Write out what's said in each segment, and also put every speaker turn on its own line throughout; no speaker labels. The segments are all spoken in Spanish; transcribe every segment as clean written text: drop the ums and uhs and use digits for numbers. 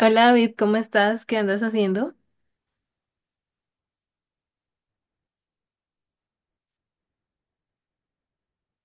Hola David, ¿cómo estás? ¿Qué andas haciendo?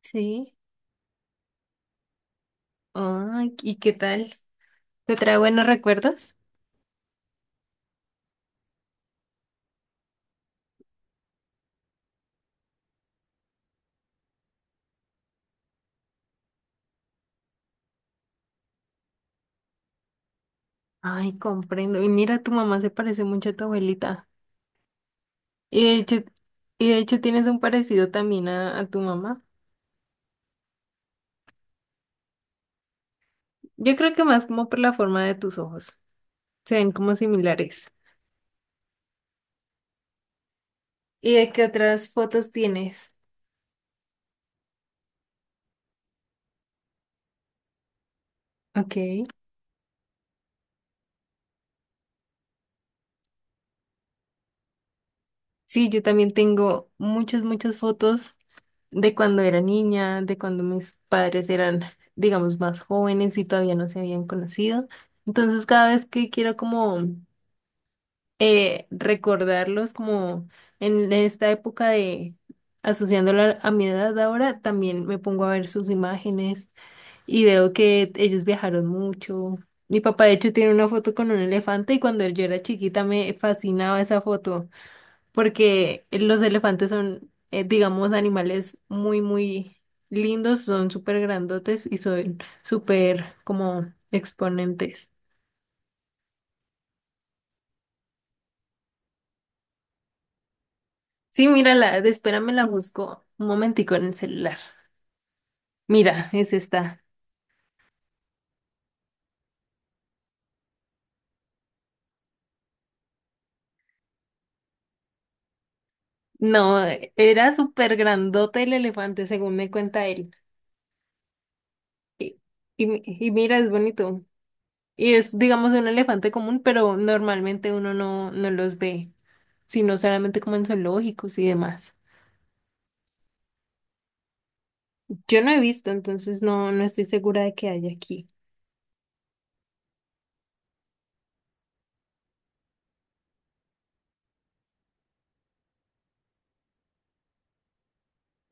Sí. Ay, ¿y qué tal? ¿Te trae buenos recuerdos? Ay, comprendo. Y mira, tu mamá se parece mucho a tu abuelita. Y de hecho, y de hecho tienes un parecido también a tu mamá. Yo creo que más como por la forma de tus ojos. Se ven como similares. ¿Y de qué otras fotos tienes? Ok. Sí, yo también tengo muchas, muchas fotos de cuando era niña, de cuando mis padres eran, digamos, más jóvenes y todavía no se habían conocido. Entonces, cada vez que quiero como recordarlos como en esta época, de asociándolo a mi edad ahora, también me pongo a ver sus imágenes y veo que ellos viajaron mucho. Mi papá, de hecho, tiene una foto con un elefante y cuando yo era chiquita me fascinaba esa foto, porque los elefantes son, digamos, animales muy, muy lindos, son súper grandotes y son súper como exponentes. Sí, mírala, espérame, la busco un momentico en el celular. Mira, es esta. No, era súper grandote el elefante, según me cuenta él. Y, y mira, es bonito. Y es, digamos, un elefante común, pero normalmente uno no los ve, sino solamente como en zoológicos y demás. Yo no he visto, entonces no estoy segura de que haya aquí.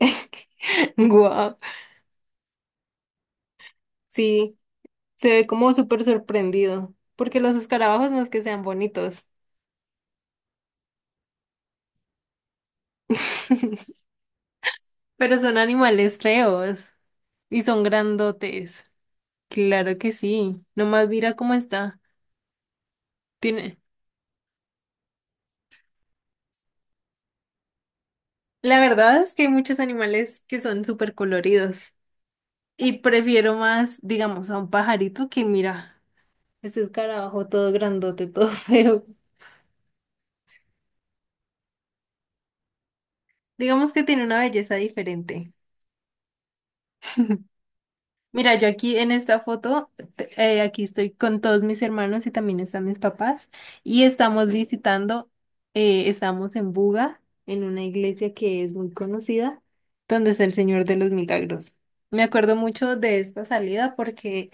Guau. Sí, se ve como súper sorprendido, porque los escarabajos no es que sean bonitos. Pero son animales feos y son grandotes. Claro que sí. Nomás mira cómo está. Tiene. La verdad es que hay muchos animales que son súper coloridos, y prefiero más, digamos, a un pajarito que mira, este escarabajo todo grandote, todo feo. Digamos que tiene una belleza diferente. Mira, yo aquí en esta foto, aquí estoy con todos mis hermanos y también están mis papás, y estamos visitando, estamos en Buga, en una iglesia que es muy conocida, donde está el Señor de los Milagros. Me acuerdo mucho de esta salida porque,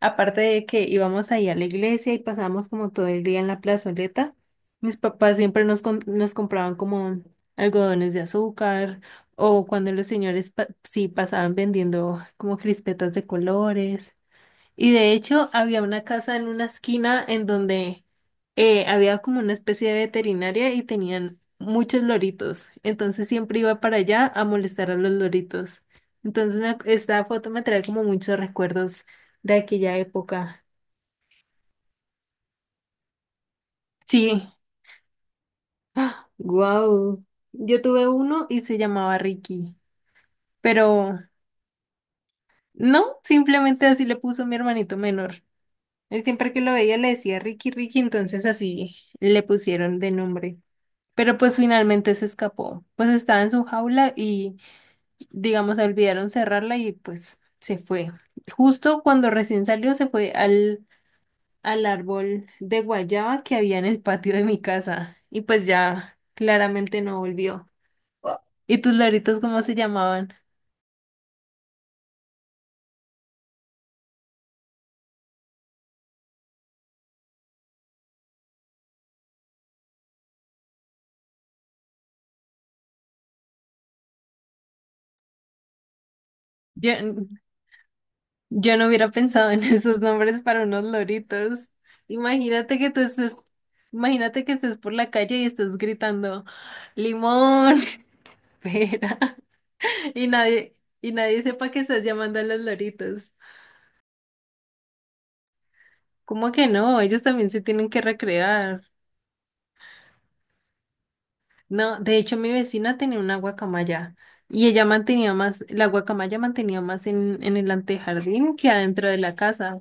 aparte de que íbamos ahí a la iglesia y pasábamos como todo el día en la plazoleta, mis papás siempre nos compraban como algodones de azúcar, o cuando los señores sí pasaban vendiendo como crispetas de colores. Y de hecho había una casa en una esquina en donde había como una especie de veterinaria, y tenían muchos loritos. Entonces siempre iba para allá a molestar a los loritos. Entonces esta foto me trae como muchos recuerdos de aquella época. Sí. Wow. Yo tuve uno y se llamaba Ricky. Pero no, simplemente así le puso mi hermanito menor. Él siempre que lo veía le decía Ricky, Ricky, entonces así le pusieron de nombre. Pero pues finalmente se escapó. Pues estaba en su jaula y, digamos, se olvidaron cerrarla y pues se fue. Justo cuando recién salió, se fue al árbol de guayaba que había en el patio de mi casa. Y pues ya claramente no volvió. ¿Y tus loritos cómo se llamaban? Yo, Yo no hubiera pensado en esos nombres para unos loritos. Imagínate que tú estés, imagínate que estés por la calle y estés gritando limón, pera, y nadie, y nadie sepa que estás llamando a los loritos. ¿Cómo que no? Ellos también se tienen que recrear. No, de hecho mi vecina tenía una guacamaya y la guacamaya mantenía más en el antejardín que adentro de la casa.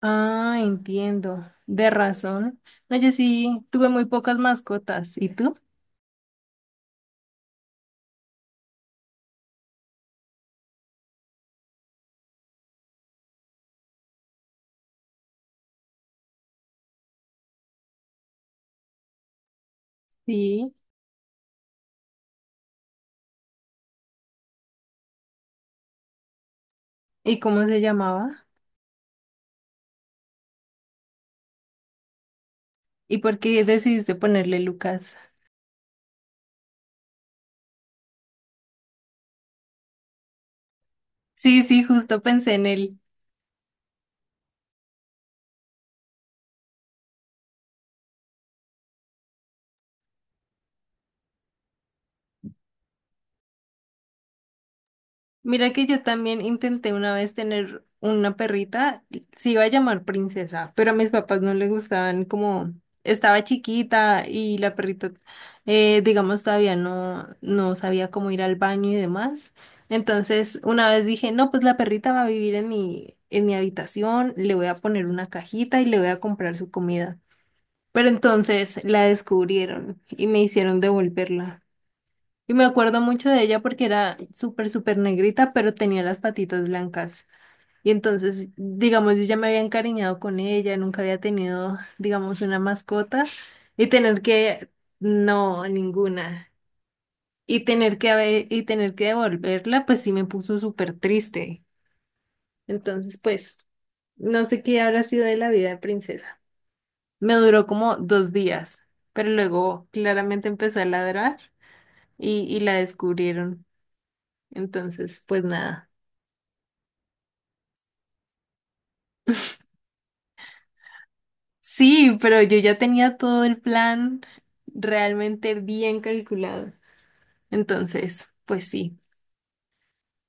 Ah, entiendo. De razón. No, yo sí tuve muy pocas mascotas. ¿Y tú? Sí. ¿Y cómo se llamaba? ¿Y por qué decidiste ponerle Lucas? Sí, sí, justo pensé en él. Mira que yo también intenté una vez tener una perrita, se iba a llamar Princesa, pero a mis papás no les gustaban, como estaba chiquita y la perrita, digamos, todavía no sabía cómo ir al baño y demás. Entonces, una vez dije, no, pues la perrita va a vivir en mi habitación, le voy a poner una cajita y le voy a comprar su comida. Pero entonces la descubrieron y me hicieron devolverla. Y me acuerdo mucho de ella porque era súper, súper negrita, pero tenía las patitas blancas. Y entonces, digamos, yo ya me había encariñado con ella, nunca había tenido, digamos, una mascota, y tener que, no, ninguna. Y tener que devolverla, pues sí me puso súper triste. Entonces, pues, no sé qué habrá sido de la vida de Princesa. Me duró como dos días, pero luego claramente empezó a ladrar y la descubrieron. Entonces, pues nada. Sí, pero yo ya tenía todo el plan realmente bien calculado. Entonces, pues sí.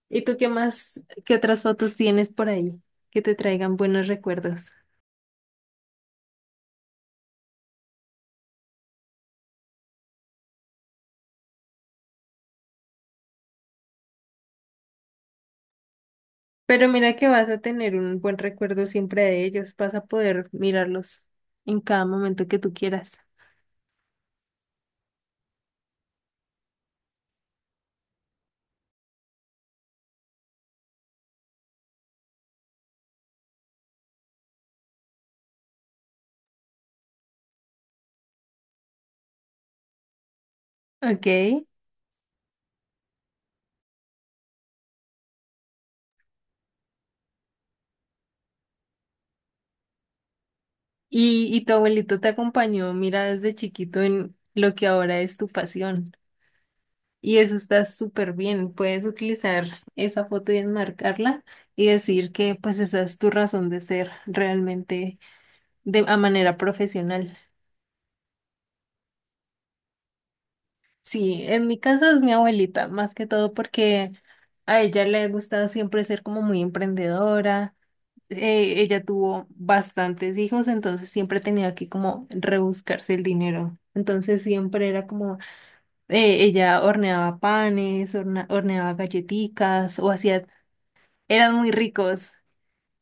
¿Y tú qué más, qué otras fotos tienes por ahí que te traigan buenos recuerdos? Pero mira que vas a tener un buen recuerdo siempre de ellos, vas a poder mirarlos en cada momento que tú quieras. Ok. ¿Y tu abuelito te acompañó, mira, desde chiquito en lo que ahora es tu pasión? Y eso está súper bien. Puedes utilizar esa foto y enmarcarla, y decir que pues esa es tu razón de ser realmente de a manera profesional. Sí, en mi caso es mi abuelita, más que todo porque a ella le ha gustado siempre ser como muy emprendedora. Ella tuvo bastantes hijos, entonces siempre tenía que como rebuscarse el dinero. Entonces siempre era como, ella horneaba panes, horneaba galletitas o hacía. Eran muy ricos.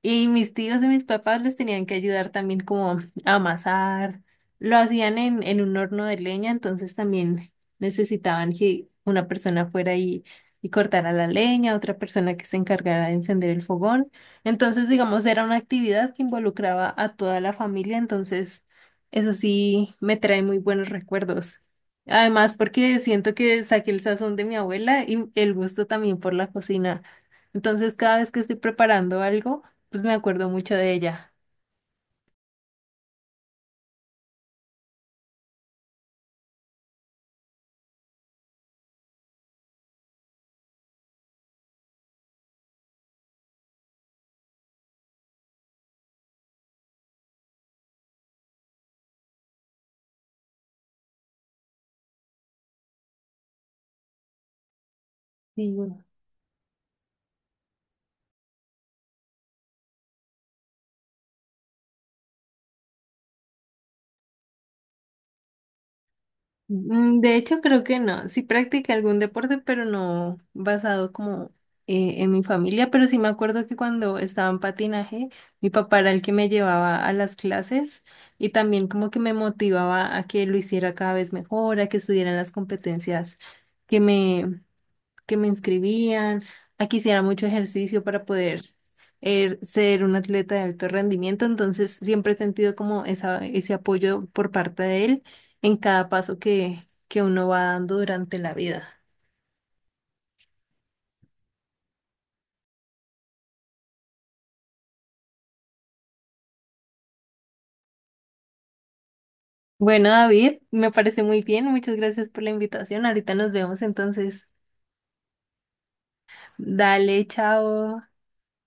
Y mis tíos y mis papás les tenían que ayudar también como a amasar. Lo hacían en un horno de leña, entonces también necesitaban que una persona fuera y cortara la leña, otra persona que se encargara de encender el fogón. Entonces, digamos, era una actividad que involucraba a toda la familia, entonces eso sí me trae muy buenos recuerdos. Además, porque siento que saqué el sazón de mi abuela y el gusto también por la cocina. Entonces, cada vez que estoy preparando algo, pues me acuerdo mucho de ella. Sí, bueno. De hecho, creo que no. Sí practiqué algún deporte, pero no basado como en mi familia. Pero sí me acuerdo que cuando estaba en patinaje, mi papá era el que me llevaba a las clases y también como que me motivaba a que lo hiciera cada vez mejor, a que estuviera en las competencias que me que me inscribían, aquí, que hiciera mucho ejercicio para poder ser un atleta de alto rendimiento. Entonces siempre he sentido como ese apoyo por parte de él en cada paso que uno va dando durante la vida. Bueno, David, me parece muy bien. Muchas gracias por la invitación. Ahorita nos vemos entonces. Dale, chao.